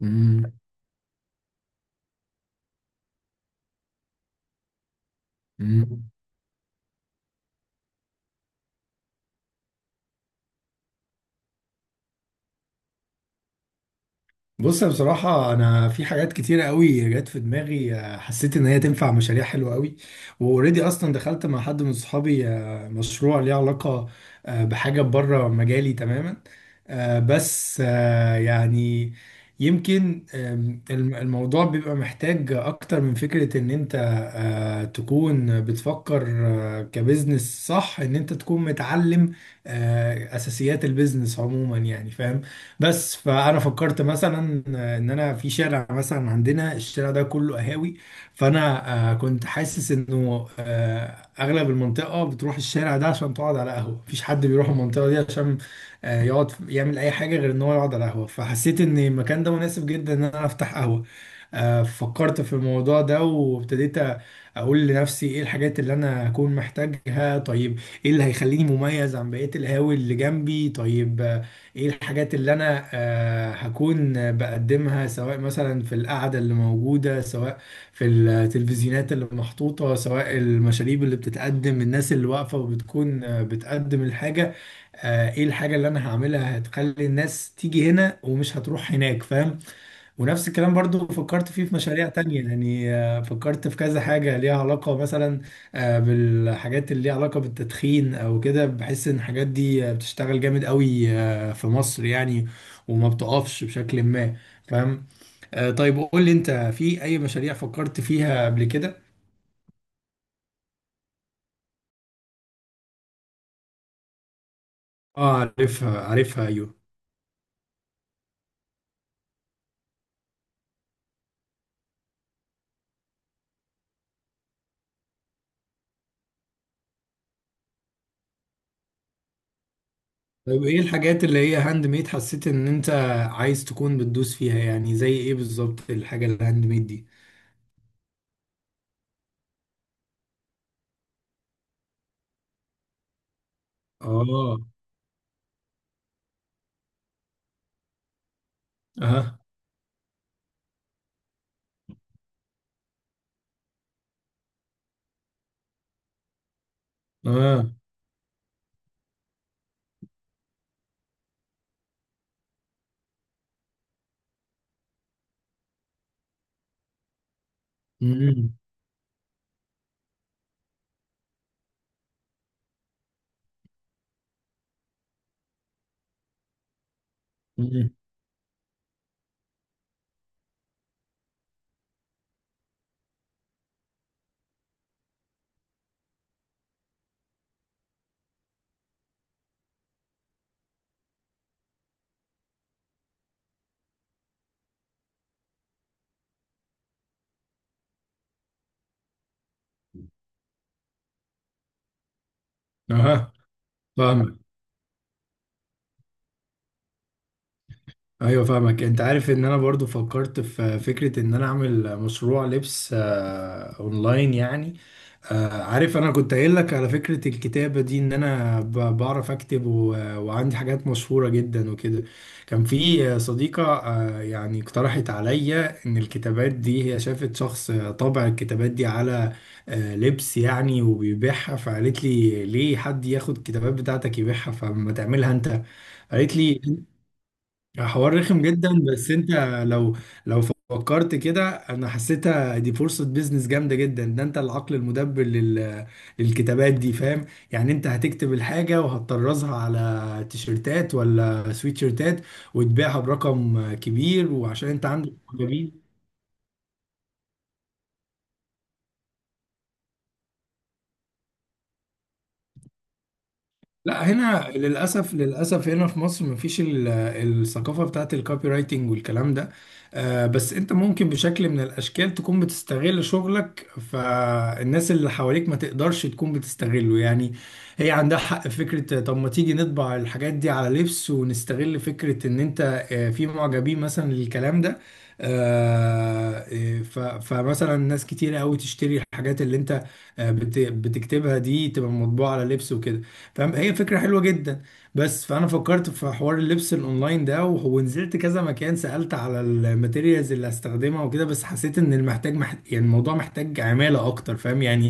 مم. مم. بص، أنا بصراحة أنا في حاجات كتيرة قوي جت في دماغي، حسيت إن هي تنفع مشاريع حلوة قوي. وأوريدي أصلا دخلت مع حد من صحابي، مشروع ليه علاقة بحاجة بره مجالي تماما. بس يعني يمكن، الموضوع بيبقى محتاج أكتر من فكرة إن أنت تكون بتفكر كبزنس صح، إن أنت تكون متعلم أساسيات البيزنس عموما، يعني فاهم. بس فانا فكرت مثلا، ان انا في شارع مثلا عندنا، الشارع ده كله قهاوي. فانا كنت حاسس انه اغلب المنطقه بتروح الشارع ده عشان تقعد على قهوه. مفيش حد بيروح المنطقه دي عشان يقعد يعمل اي حاجه غير ان هو يقعد على قهوه. فحسيت ان المكان ده مناسب جدا ان انا افتح قهوه. فكرت في الموضوع ده وابتديت اقول لنفسي: ايه الحاجات اللي انا هكون محتاجها؟ طيب، ايه اللي هيخليني مميز عن بقية القهاوي اللي جنبي؟ طيب ايه الحاجات اللي انا هكون بقدمها، سواء مثلا في القعده اللي موجوده، سواء في التلفزيونات اللي محطوطه، سواء المشاريب اللي بتتقدم، الناس اللي واقفه وبتكون بتقدم الحاجه. ايه الحاجه اللي انا هعملها هتخلي الناس تيجي هنا ومش هتروح هناك؟ فاهم. ونفس الكلام برضو فكرت فيه في مشاريع تانية يعني، فكرت في كذا حاجة ليها علاقة مثلا بالحاجات اللي ليها علاقة بالتدخين أو كده. بحس إن الحاجات دي بتشتغل جامد قوي في مصر يعني، وما بتقفش بشكل ما، فاهم؟ طيب، قول لي أنت في أي مشاريع فكرت فيها قبل كده؟ اه، عارفها عارفها، أيوه. طيب ايه الحاجات اللي هي هاند ميد حسيت ان انت عايز تكون بتدوس فيها؟ يعني زي ايه بالظبط الحاجة الهاند ميد دي؟ اه. اه. اه. امم. امم. اها، فاهمك. ايوه فاهمك. انت عارف ان انا برضو فكرت في فكرة ان انا اعمل مشروع لبس اونلاين يعني. عارف انا كنت قايل لك على فكرة الكتابة دي ان انا بعرف اكتب وعندي حاجات مشهورة جدا وكده. كان في صديقة يعني اقترحت عليا ان الكتابات دي، هي شافت شخص طبع الكتابات دي على لبس يعني وبيبيعها، فقالت لي: ليه حد ياخد الكتابات بتاعتك يبيعها؟ فما تعملها انت. قالت لي حوار رخم جدا. بس انت لو لو فكرت كده، انا حسيتها دي فرصة بيزنس جامدة جدا. ده انت العقل المدبر للكتابات دي، فاهم؟ يعني انت هتكتب الحاجة وهتطرزها على تيشيرتات ولا سويتشيرتات وتبيعها برقم كبير، وعشان انت عندك معجبين. لا، هنا للاسف، للاسف هنا في مصر مفيش الثقافه بتاعت الكوبي رايتنج والكلام ده. بس انت ممكن بشكل من الاشكال تكون بتستغل شغلك، فالناس اللي حواليك ما تقدرش تكون بتستغله يعني. هي عندها حق في فكره: طب ما تيجي نطبع الحاجات دي على لبس ونستغل فكره ان انت في معجبين مثلا للكلام ده. فمثلا ناس كتير قوي تشتري الحاجات اللي انت بتكتبها دي، تبقى مطبوعه على لبس وكده، فاهم؟ هي فكرة حلوة جدا. بس فأنا فكرت في حوار اللبس الأونلاين ده ونزلت كذا مكان، سألت على الماتيريالز اللي هستخدمها وكده، بس حسيت إن يعني الموضوع محتاج عمالة أكتر، فاهم يعني.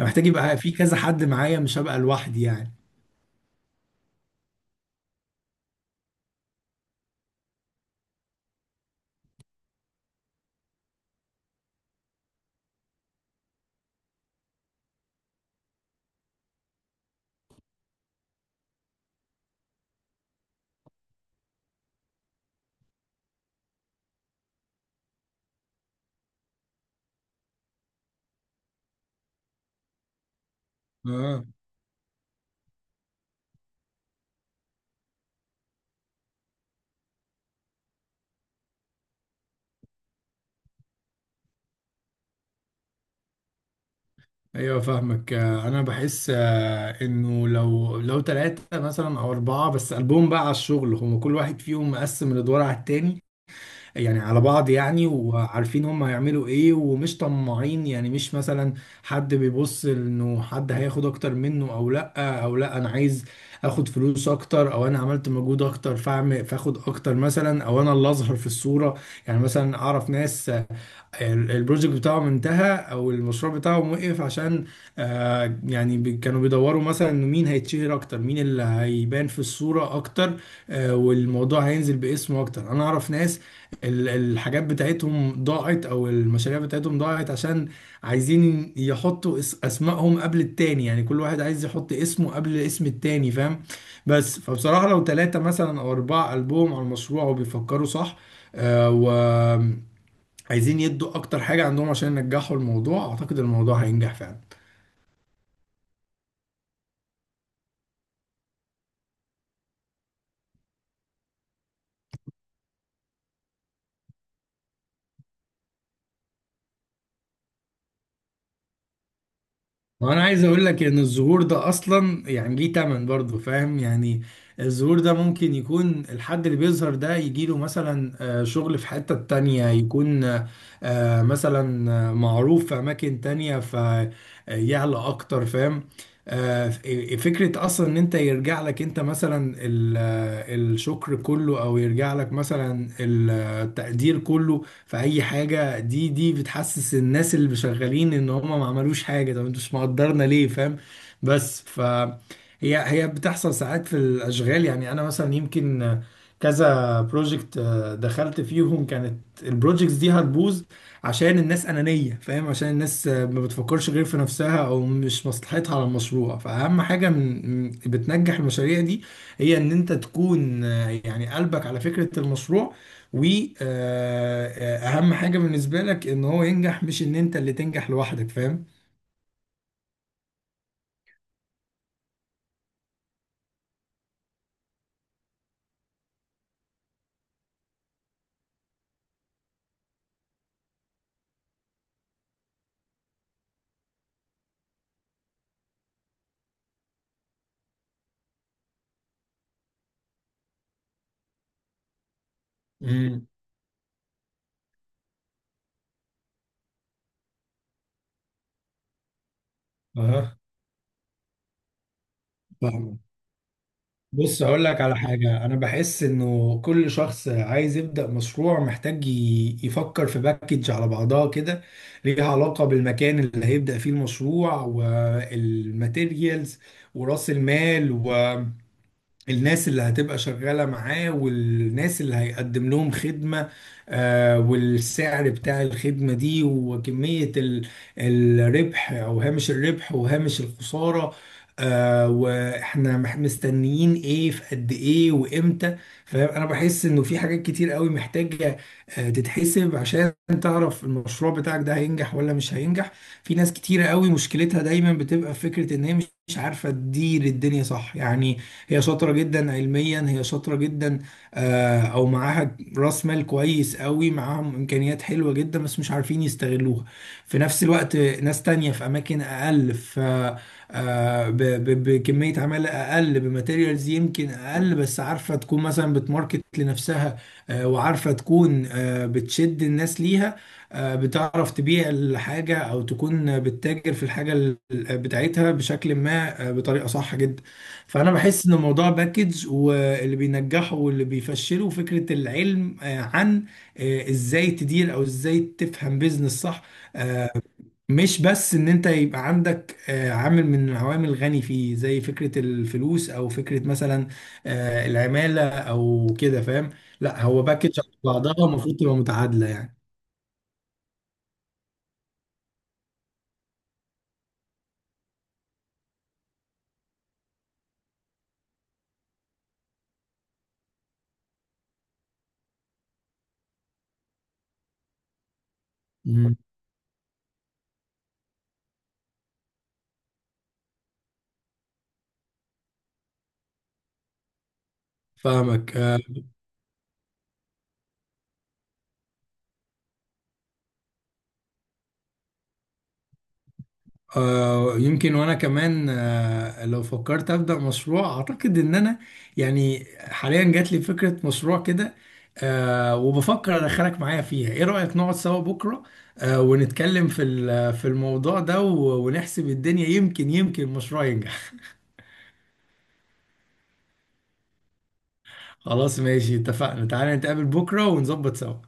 أنا محتاج يبقى في كذا حد معايا، مش هبقى لوحدي يعني. اه، ايوه فاهمك. انا بحس انه لو ثلاثة مثلا او اربعة بس قلبهم بقى على الشغل، هما كل واحد فيهم مقسم الادوار على التاني يعني، على بعض يعني، وعارفين هم هيعملوا ايه ومش طماعين، يعني مش مثلا حد بيبص انه حد هياخد اكتر منه، او لا، او لا انا عايز اخد فلوس اكتر، او انا عملت مجهود اكتر فاخد اكتر مثلا، او انا اللي اظهر في الصورة. يعني مثلا اعرف ناس البروجكت بتاعهم انتهى او المشروع بتاعهم وقف عشان يعني كانوا بيدوروا مثلا انه مين هيتشهر اكتر، مين اللي هيبان في الصورة اكتر، والموضوع هينزل باسمه اكتر. انا اعرف ناس الحاجات بتاعتهم ضاعت او المشاريع بتاعتهم ضاعت عشان عايزين يحطوا اسمائهم قبل التاني، يعني كل واحد عايز يحط اسمه قبل اسم التاني، فاهم؟ بس فبصراحة لو ثلاثة مثلا او اربعة قلبهم على المشروع وبيفكروا صح، و عايزين يدوا اكتر حاجه عندهم عشان ينجحوا الموضوع، اعتقد الموضوع هينجح فعلا. وانا عايز اقول لك ان الظهور ده اصلا يعني ليه تمن برضه، فاهم يعني. الظهور ده ممكن يكون الحد اللي بيظهر ده يجيله مثلا شغل في حتة تانية، يكون مثلا معروف في اماكن تانية فيعلى اكتر، فاهم. آه، فكرة أصلا إن أنت يرجع لك أنت مثلا الشكر كله أو يرجع لك مثلا التقدير كله، فأي حاجة دي بتحسس الناس اللي شغالين إن هم ما عملوش حاجة: طب انتوا مش مقدرنا ليه؟ فاهم. بس هي بتحصل ساعات في الأشغال يعني. أنا مثلا يمكن كذا بروجكت دخلت فيهم كانت البروجكتس دي هتبوظ عشان الناس أنانية، فاهم، عشان الناس ما بتفكرش غير في نفسها أو مش مصلحتها على المشروع. فأهم حاجة بتنجح المشاريع دي هي إن أنت تكون يعني قلبك على فكرة المشروع، واهم حاجه بالنسبه لك ان هو ينجح مش ان انت اللي تنجح لوحدك، فاهم. امم. اها، فاهمك. بص هقول لك على حاجه: انا بحس انه كل شخص عايز يبدا مشروع محتاج يفكر في باكج على بعضها كده، ليها علاقه بالمكان اللي هيبدا فيه المشروع، والماتيريالز، وراس المال، الناس اللي هتبقى شغالة معاه، والناس اللي هيقدم لهم خدمة، والسعر بتاع الخدمة دي، وكمية الربح أو هامش الربح وهامش الخسارة، واحنا مستنيين ايه في قد ايه وامتى. فانا بحس انه في حاجات كتير قوي محتاجة تتحسب عشان تعرف المشروع بتاعك ده هينجح ولا مش هينجح. في ناس كتيرة قوي مشكلتها دايما بتبقى في فكرة ان هي مش عارفة تدير الدنيا صح يعني. هي شاطرة جدا علميا، هي شاطرة جدا او معاها راس مال كويس قوي، معاهم امكانيات حلوة جدا، بس مش عارفين يستغلوها. في نفس الوقت ناس تانية في اماكن اقل ف آه، ب- ب- بكمية عمالة أقل، بماتيريالز يمكن أقل، بس عارفة تكون مثلا بتماركت لنفسها، وعارفة تكون بتشد الناس ليها، بتعرف تبيع الحاجة أو تكون بتتاجر في الحاجة بتاعتها بشكل ما بطريقة صح جدا. فانا بحس ان الموضوع باكج، واللي بينجحه واللي بيفشله فكره العلم عن ازاي تدير او ازاي تفهم بيزنس صح، مش بس ان انت يبقى عندك عامل من العوامل الغني فيه زي فكره الفلوس او فكره مثلا العماله او كده، فاهم. لا، هو باكج على بعضها المفروض تبقى متعادله يعني. مم. فاهمك. يمكن وانا كمان لو فكرت ابدا مشروع، اعتقد ان انا يعني حاليا جات لي فكره مشروع كده وبفكر ادخلك معايا فيها. ايه رايك نقعد سوا بكره ونتكلم في في الموضوع ده ونحسب الدنيا، يمكن المشروع ينجح. خلاص ماشي، اتفقنا. تعالى نتقابل بكره ونظبط سوا.